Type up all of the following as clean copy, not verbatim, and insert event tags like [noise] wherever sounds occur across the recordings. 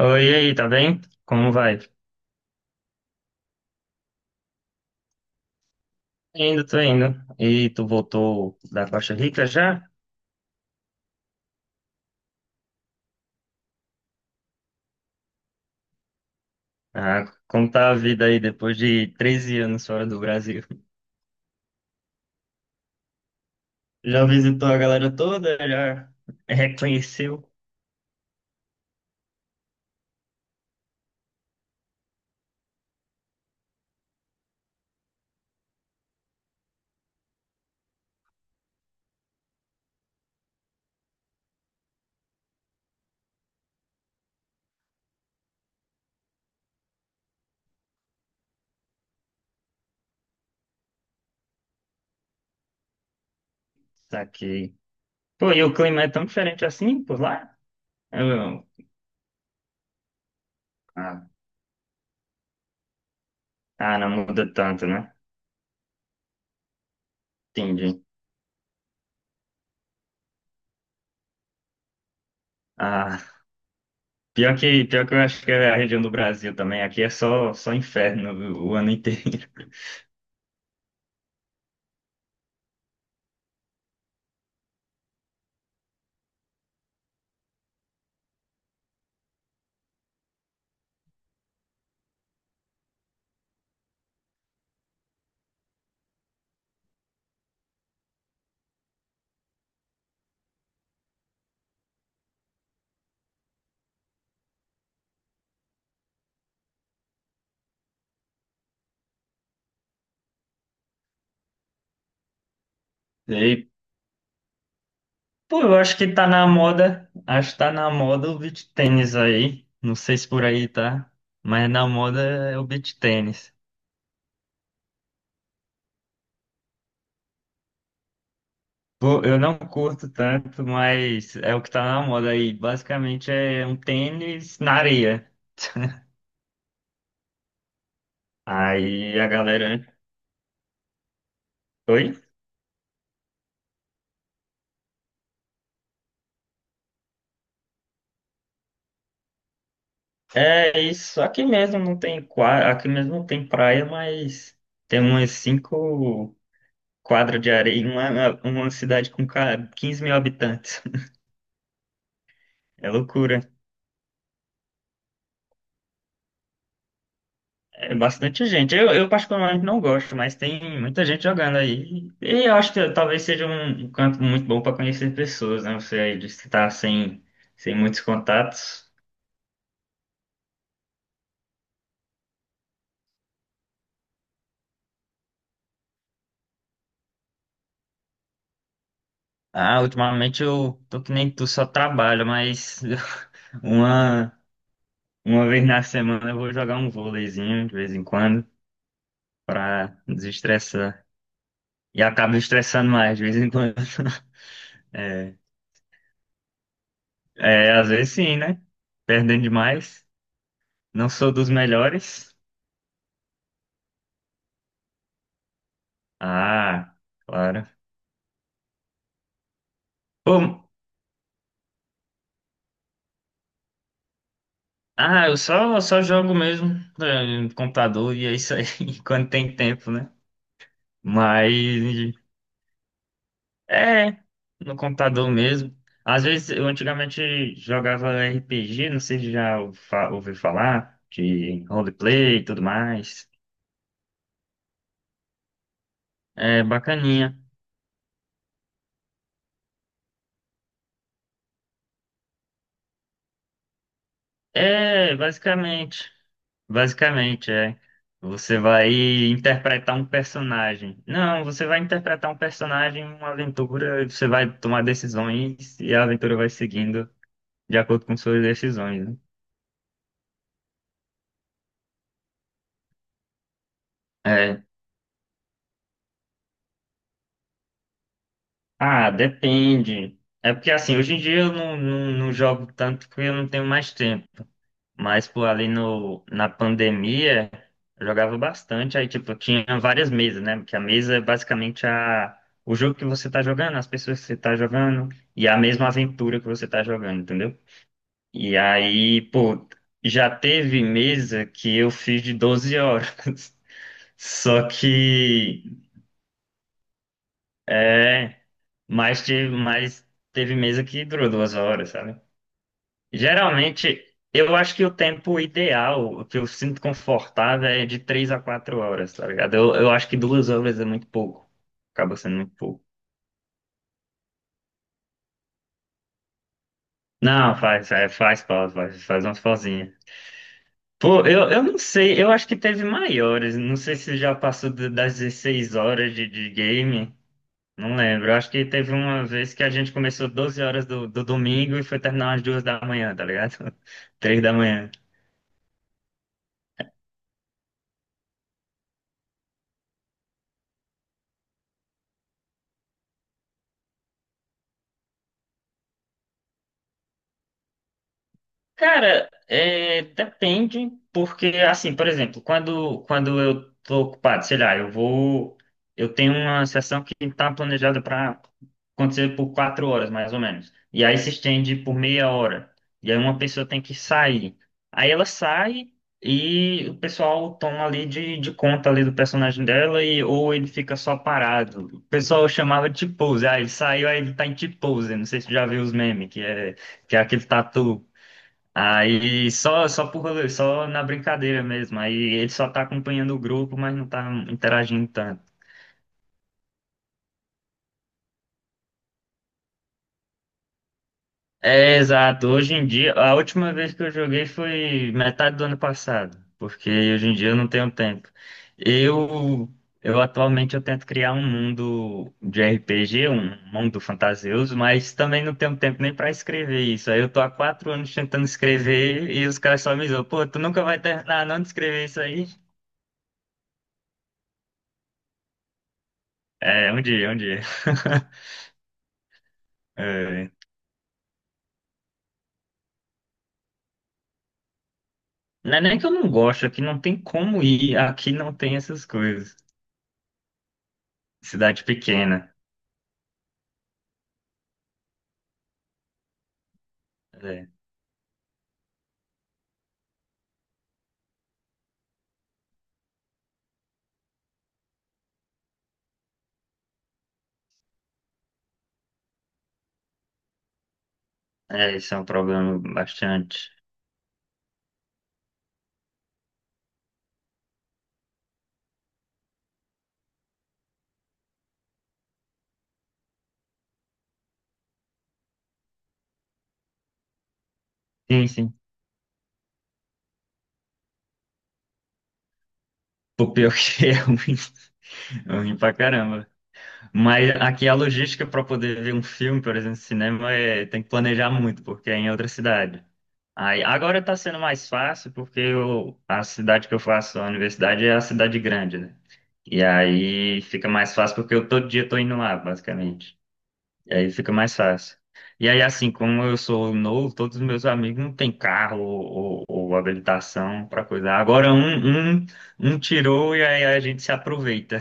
Oi, e aí, tá bem? Como vai? Tô indo, tô indo. E tu voltou da Costa Rica já? Ah, como tá a vida aí depois de 13 anos fora do Brasil? Já visitou a galera toda? Já reconheceu? Saquei. Pô, e o clima é tão diferente assim por lá? Eu- Ah, ah, não muda tanto, né? Entendi. Ah, pior que eu acho que é a região do Brasil também. Aqui é só inferno o ano inteiro. [laughs] E Pô, eu acho que tá na moda, acho que tá na moda o beach tênis aí. Não sei se por aí tá, mas na moda é o beach tênis. Pô, eu não curto tanto, mas é o que tá na moda aí. Basicamente é um tênis na areia. Aí a galera. Oi? É isso, aqui mesmo não tem quadra, aqui mesmo não tem praia, mas tem umas cinco quadras de areia, uma cidade com 15 mil habitantes. [laughs] É loucura. É bastante gente. Eu particularmente não gosto, mas tem muita gente jogando aí. E eu acho que talvez seja um canto muito bom para conhecer pessoas, né? Você aí disse que tá sem muitos contatos. Ah, ultimamente eu tô que nem tu, só trabalho, mas [laughs] uma, uma vez na semana eu vou jogar um vôleizinho de vez em quando para desestressar. E acabo estressando mais de vez em quando. [laughs] É, é, às vezes sim, né? Perdendo demais. Não sou dos melhores. Ah, claro. Pô, ah, eu só jogo mesmo no computador e é isso aí, [laughs] quando tem tempo, né? Mas é no computador mesmo. Às vezes eu antigamente jogava RPG, não sei se ouviu falar, de roleplay e tudo mais. É bacaninha. É, basicamente. Basicamente, é. Você vai interpretar um personagem. Não, você vai interpretar um personagem em uma aventura, e você vai tomar decisões e a aventura vai seguindo de acordo com suas decisões, né? É. Ah, depende. É porque assim, hoje em dia eu não jogo tanto porque eu não tenho mais tempo. Mas, pô, ali no, na pandemia, eu jogava bastante. Aí, tipo, tinha várias mesas, né? Porque a mesa é basicamente o jogo que você tá jogando, as pessoas que você tá jogando, e a mesma aventura que você tá jogando, entendeu? E aí, pô, já teve mesa que eu fiz de 12 horas. [laughs] Só que, é, mas teve mesa que durou 2 horas, sabe? Geralmente, eu acho que o tempo ideal, o que eu sinto confortável, é de 3 a 4 horas, tá ligado? Eu acho que 2 horas é muito pouco. Acaba sendo muito pouco. Não, faz pausa, faz umas pausinhas. Pô, eu não sei, eu acho que teve maiores. Não sei se já passou das 16 horas de game. Não lembro. Eu acho que teve uma vez que a gente começou 12 horas do domingo e foi terminar às 2 da manhã, tá ligado? [laughs] 3 da manhã. Cara, é, depende, porque assim, por exemplo, quando eu tô ocupado, sei lá, eu tenho uma sessão que tá planejada para acontecer por 4 horas, mais ou menos, e aí se estende por meia hora, e aí uma pessoa tem que sair, aí ela sai e o pessoal toma ali de conta ali do personagem dela e ou ele fica só parado. O pessoal chamava de T-pose, ah, ele saiu, aí ele tá em T-pose, não sei se você já viu os memes, que é aquele tatu. Aí só por rolê, só na brincadeira mesmo. Aí ele só tá acompanhando o grupo, mas não tá interagindo tanto. É, exato. Hoje em dia, a última vez que eu joguei foi metade do ano passado, porque hoje em dia eu não tenho tempo. Eu, eu atualmente eu tento criar um mundo de RPG, um mundo fantasioso, mas também não tenho tempo nem para escrever isso. Aí eu tô há 4 anos tentando escrever e os caras só me zoam, pô, tu nunca vai terminar não de escrever isso aí? É, um dia, um dia. [laughs] É, não é nem que eu não gosto, aqui não tem como ir, aqui não tem essas coisas. Cidade pequena. É, é, isso é um problema bastante. Sim, sim. O pior [laughs] que é ruim pra caramba. Mas aqui a logística pra poder ver um filme, por exemplo, cinema, tem que planejar muito, porque é em outra cidade. Aí, agora tá sendo mais fácil, porque a cidade que eu faço a universidade é a cidade grande, né? E aí fica mais fácil porque eu todo dia tô indo lá, basicamente. E aí fica mais fácil. E aí, assim, como eu sou novo, todos os meus amigos não têm carro ou habilitação para coisar. Agora um tirou e aí a gente se aproveita.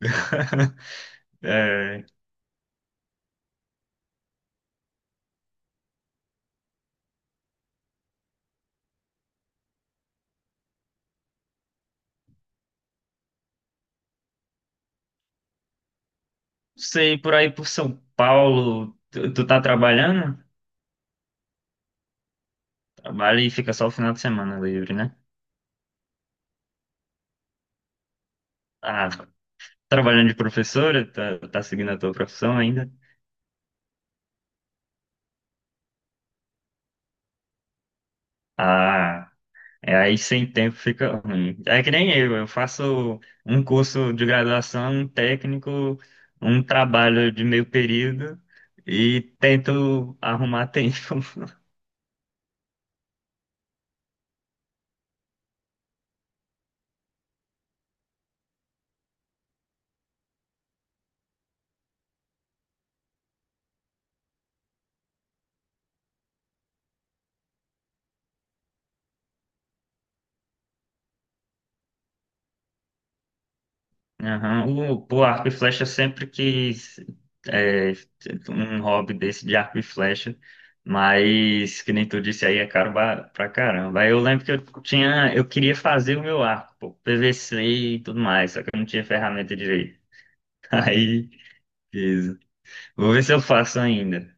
[laughs] É, não sei, por aí por São Paulo, tu tá trabalhando? Trabalha e fica só o final de semana livre, né? Ah, trabalhando de professora? Tá seguindo a tua profissão ainda? Ah. É, aí sem tempo fica ruim. É que nem eu faço um curso de graduação, um técnico, um trabalho de meio período e tento arrumar tempo. [laughs] Aham. O, pô, arco e flecha sempre quis é, um hobby desse de arco e flecha, mas que nem tu disse aí é caro pra caramba. Aí eu lembro que eu queria fazer o meu arco, pô, PVC e tudo mais, só que eu não tinha ferramenta direito. [laughs] Aí vou ver se eu faço ainda.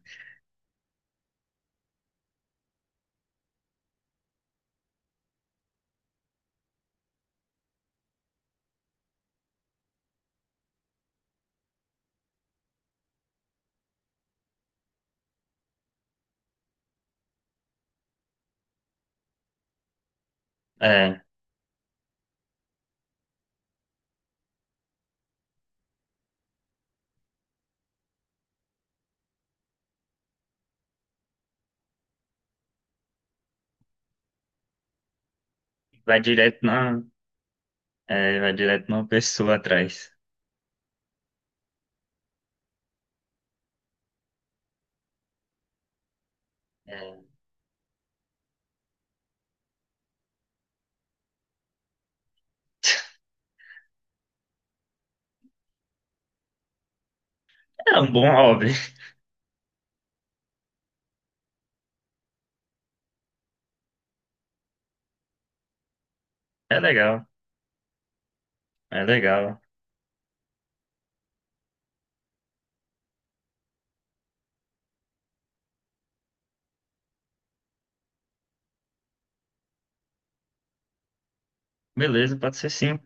É, vai direto na, vai direto na pessoa atrás. É, é um bom hobby. É legal, é legal. Beleza, pode ser sim.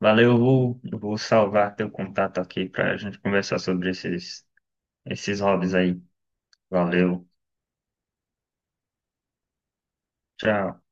Valeu, eu vou salvar teu contato aqui pra gente conversar sobre esses hobbies aí. Valeu, tchau.